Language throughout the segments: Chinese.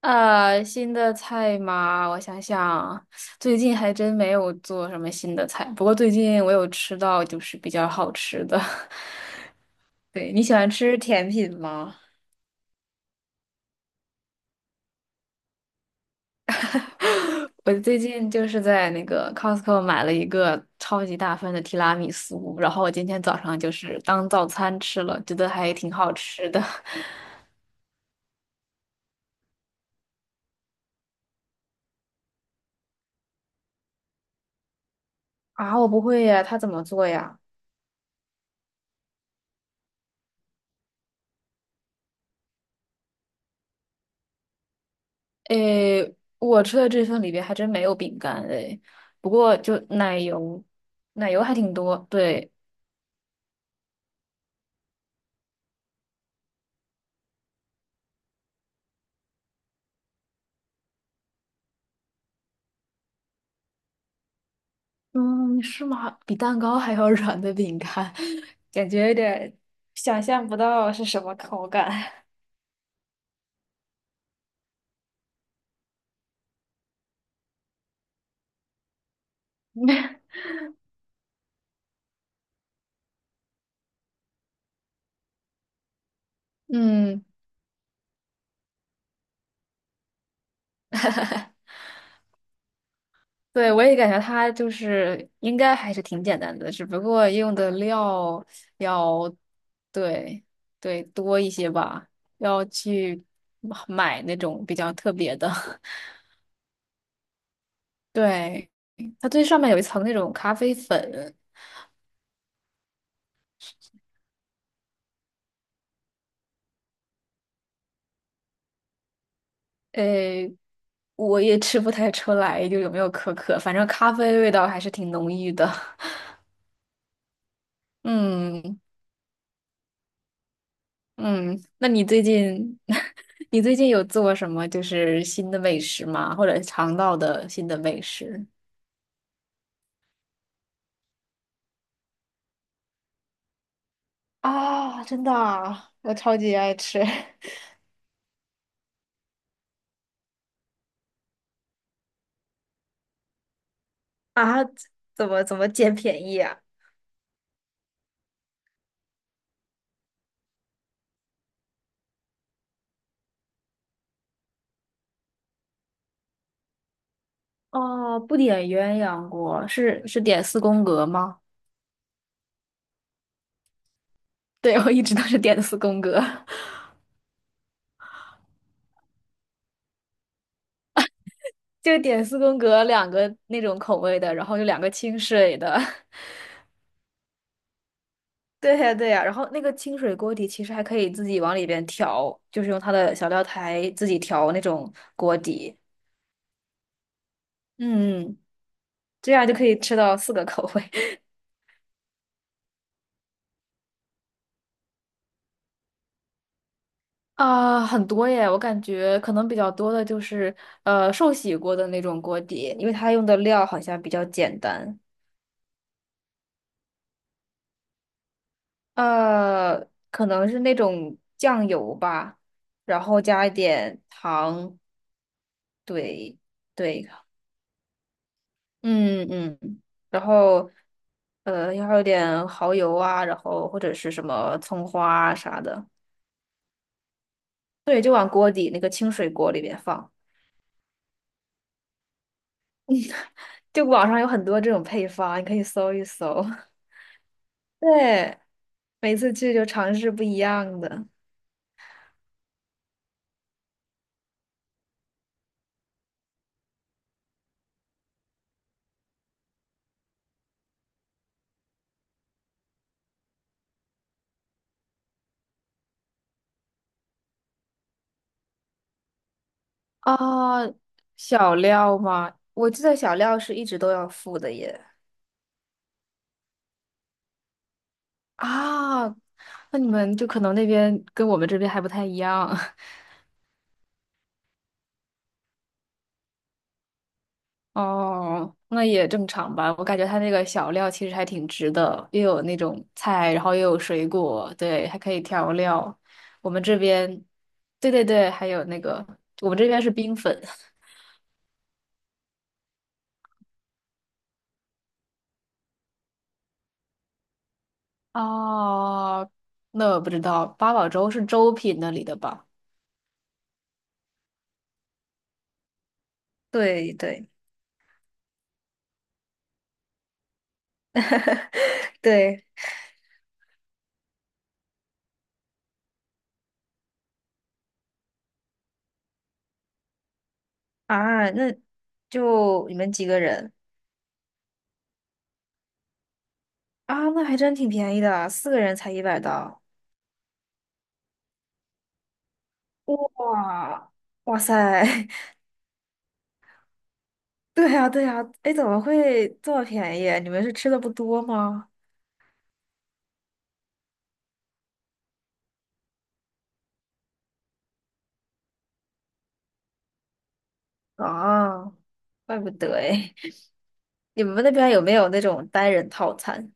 新的菜吗？我想想，最近还真没有做什么新的菜。不过最近我有吃到就是比较好吃的。对，你喜欢吃甜品吗？我最近就是在那个 Costco 买了一个超级大份的提拉米苏，然后我今天早上就是当早餐吃了，觉得还挺好吃的。啊，我不会呀，它怎么做呀？诶，我吃的这份里边还真没有饼干诶，不过就奶油，奶油还挺多。对，嗯，是吗？比蛋糕还要软的饼干，感觉有点想象不到是什么口感。嗯，对，我也感觉它就是应该还是挺简单的，只不过用的料要对对多一些吧，要去买那种比较特别的。对，它最上面有一层那种咖啡粉，诶，我也吃不太出来，就有没有可可，反正咖啡味道还是挺浓郁的。嗯嗯，那你最近 你最近有做什么就是新的美食吗？或者尝到的新的美食？啊，真的啊我超级爱吃 啊！怎么捡便宜啊？哦，不点鸳鸯锅，是点四宫格吗？对，我一直都是点的四宫格。就点四宫格两个那种口味的，然后有两个清水的。对呀，对呀，然后那个清水锅底其实还可以自己往里边调，就是用它的小料台自己调那种锅底。嗯，这样就可以吃到四个口味 啊，很多耶！我感觉可能比较多的就是寿喜锅的那种锅底，因为它用的料好像比较简单，呃，可能是那种酱油吧，然后加一点糖，对。对，嗯嗯，然后要有点蚝油啊，然后或者是什么葱花啊啥的，对，就往锅底那个清水锅里边放。就网上有很多这种配方，你可以搜一搜。对，每次去就尝试不一样的。啊，小料吗？我记得小料是一直都要付的耶。啊，那你们就可能那边跟我们这边还不太一样。哦，那也正常吧。我感觉它那个小料其实还挺值的，又有那种菜，然后又有水果，对，还可以调料。我们这边，对对对，还有那个，我们这边是冰粉。哦 那我不知道，八宝粥是粥品那里的吧？对对对啊，那就你们几个人啊？那还真挺便宜的，四个人才100刀。哇哇塞，对呀，对呀，哎，怎么会这么便宜啊？你们是吃的不多吗？啊，怪不得哎。你们那边有没有那种单人套餐？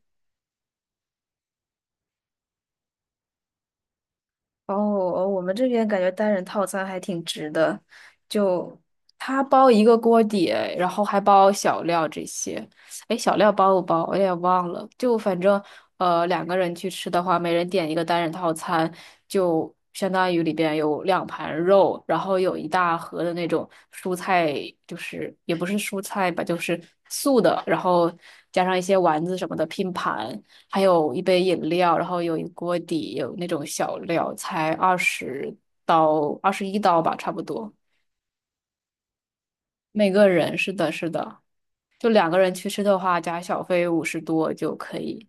哦哦，我们这边感觉单人套餐还挺值的，就他包一个锅底，然后还包小料这些。哎，小料包不包？我也忘了。就反正两个人去吃的话，每人点一个单人套餐，就相当于里边有两盘肉，然后有一大盒的那种蔬菜，就是也不是蔬菜吧，就是素的，然后加上一些丸子什么的拼盘。还有一杯饮料，然后有一锅底，有那种小料，才20刀，21刀吧，差不多。每个人，是的，是的，就两个人去吃的话，加小费五十多就可以。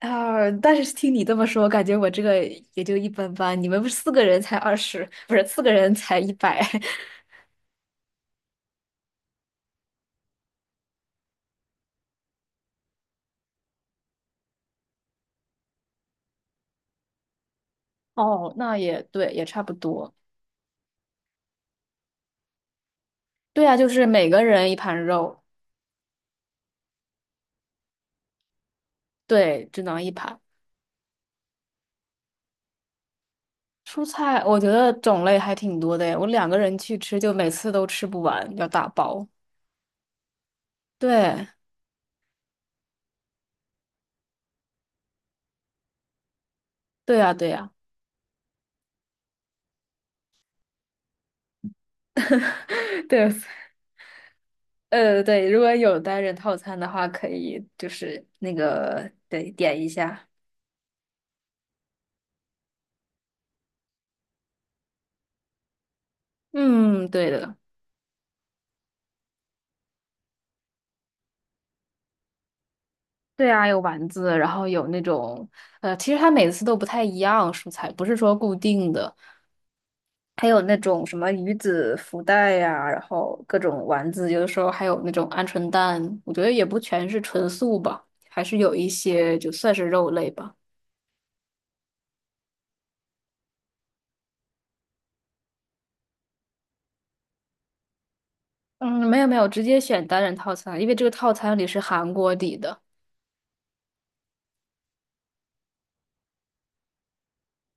啊，但是听你这么说，感觉我这个也就一般般。你们不是四个人才二十，不是四个人才一百。哦，那也对，也差不多。对啊，就是每个人一盘肉，对，只能一盘。蔬菜我觉得种类还挺多的诶，我两个人去吃，就每次都吃不完，要打包。对，对呀，对呀，对，对，如果有单人套餐的话，可以就是那个，对，点一下。嗯，对的，对啊，有丸子，然后有那种，其实它每次都不太一样，蔬菜不是说固定的。还有那种什么鱼子福袋呀、然后各种丸子，有的时候还有那种鹌鹑蛋，我觉得也不全是纯素吧，还是有一些就算是肉类吧。嗯，没有没有，直接选单人套餐，因为这个套餐里是含锅底的。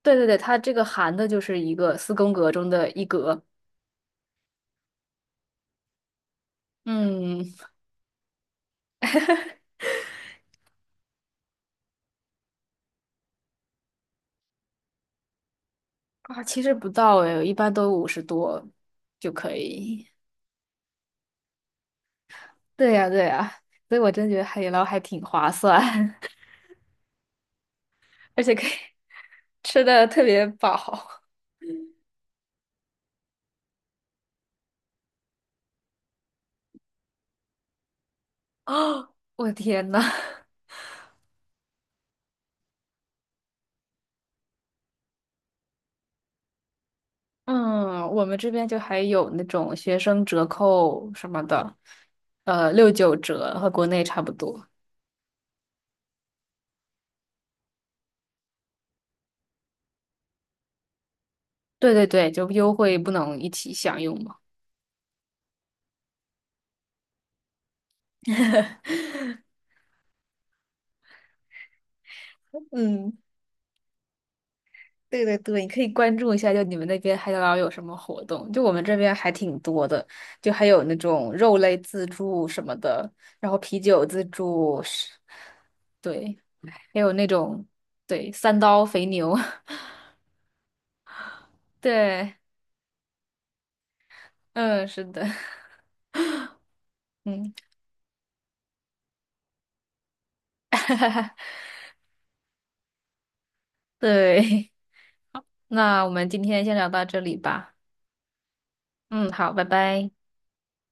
对对对，它这个含的就是一个四宫格中的一格。嗯，啊，其实不到诶，一般都五十多就可以。对呀对呀，所以我真觉得海底捞还挺划算，而且可以 吃的特别饱。哦，我的天呐，嗯，我们这边就还有那种学生折扣什么的，6.9折和国内差不多。对对对，就优惠不能一起享用嘛。嗯，对对对，你可以关注一下，就你们那边海底捞有什么活动？就我们这边还挺多的，就还有那种肉类自助什么的，然后啤酒自助是，对，还有那种对3刀肥牛，对，嗯，是的。嗯，对，那我们今天先聊到这里吧。嗯，好，拜拜。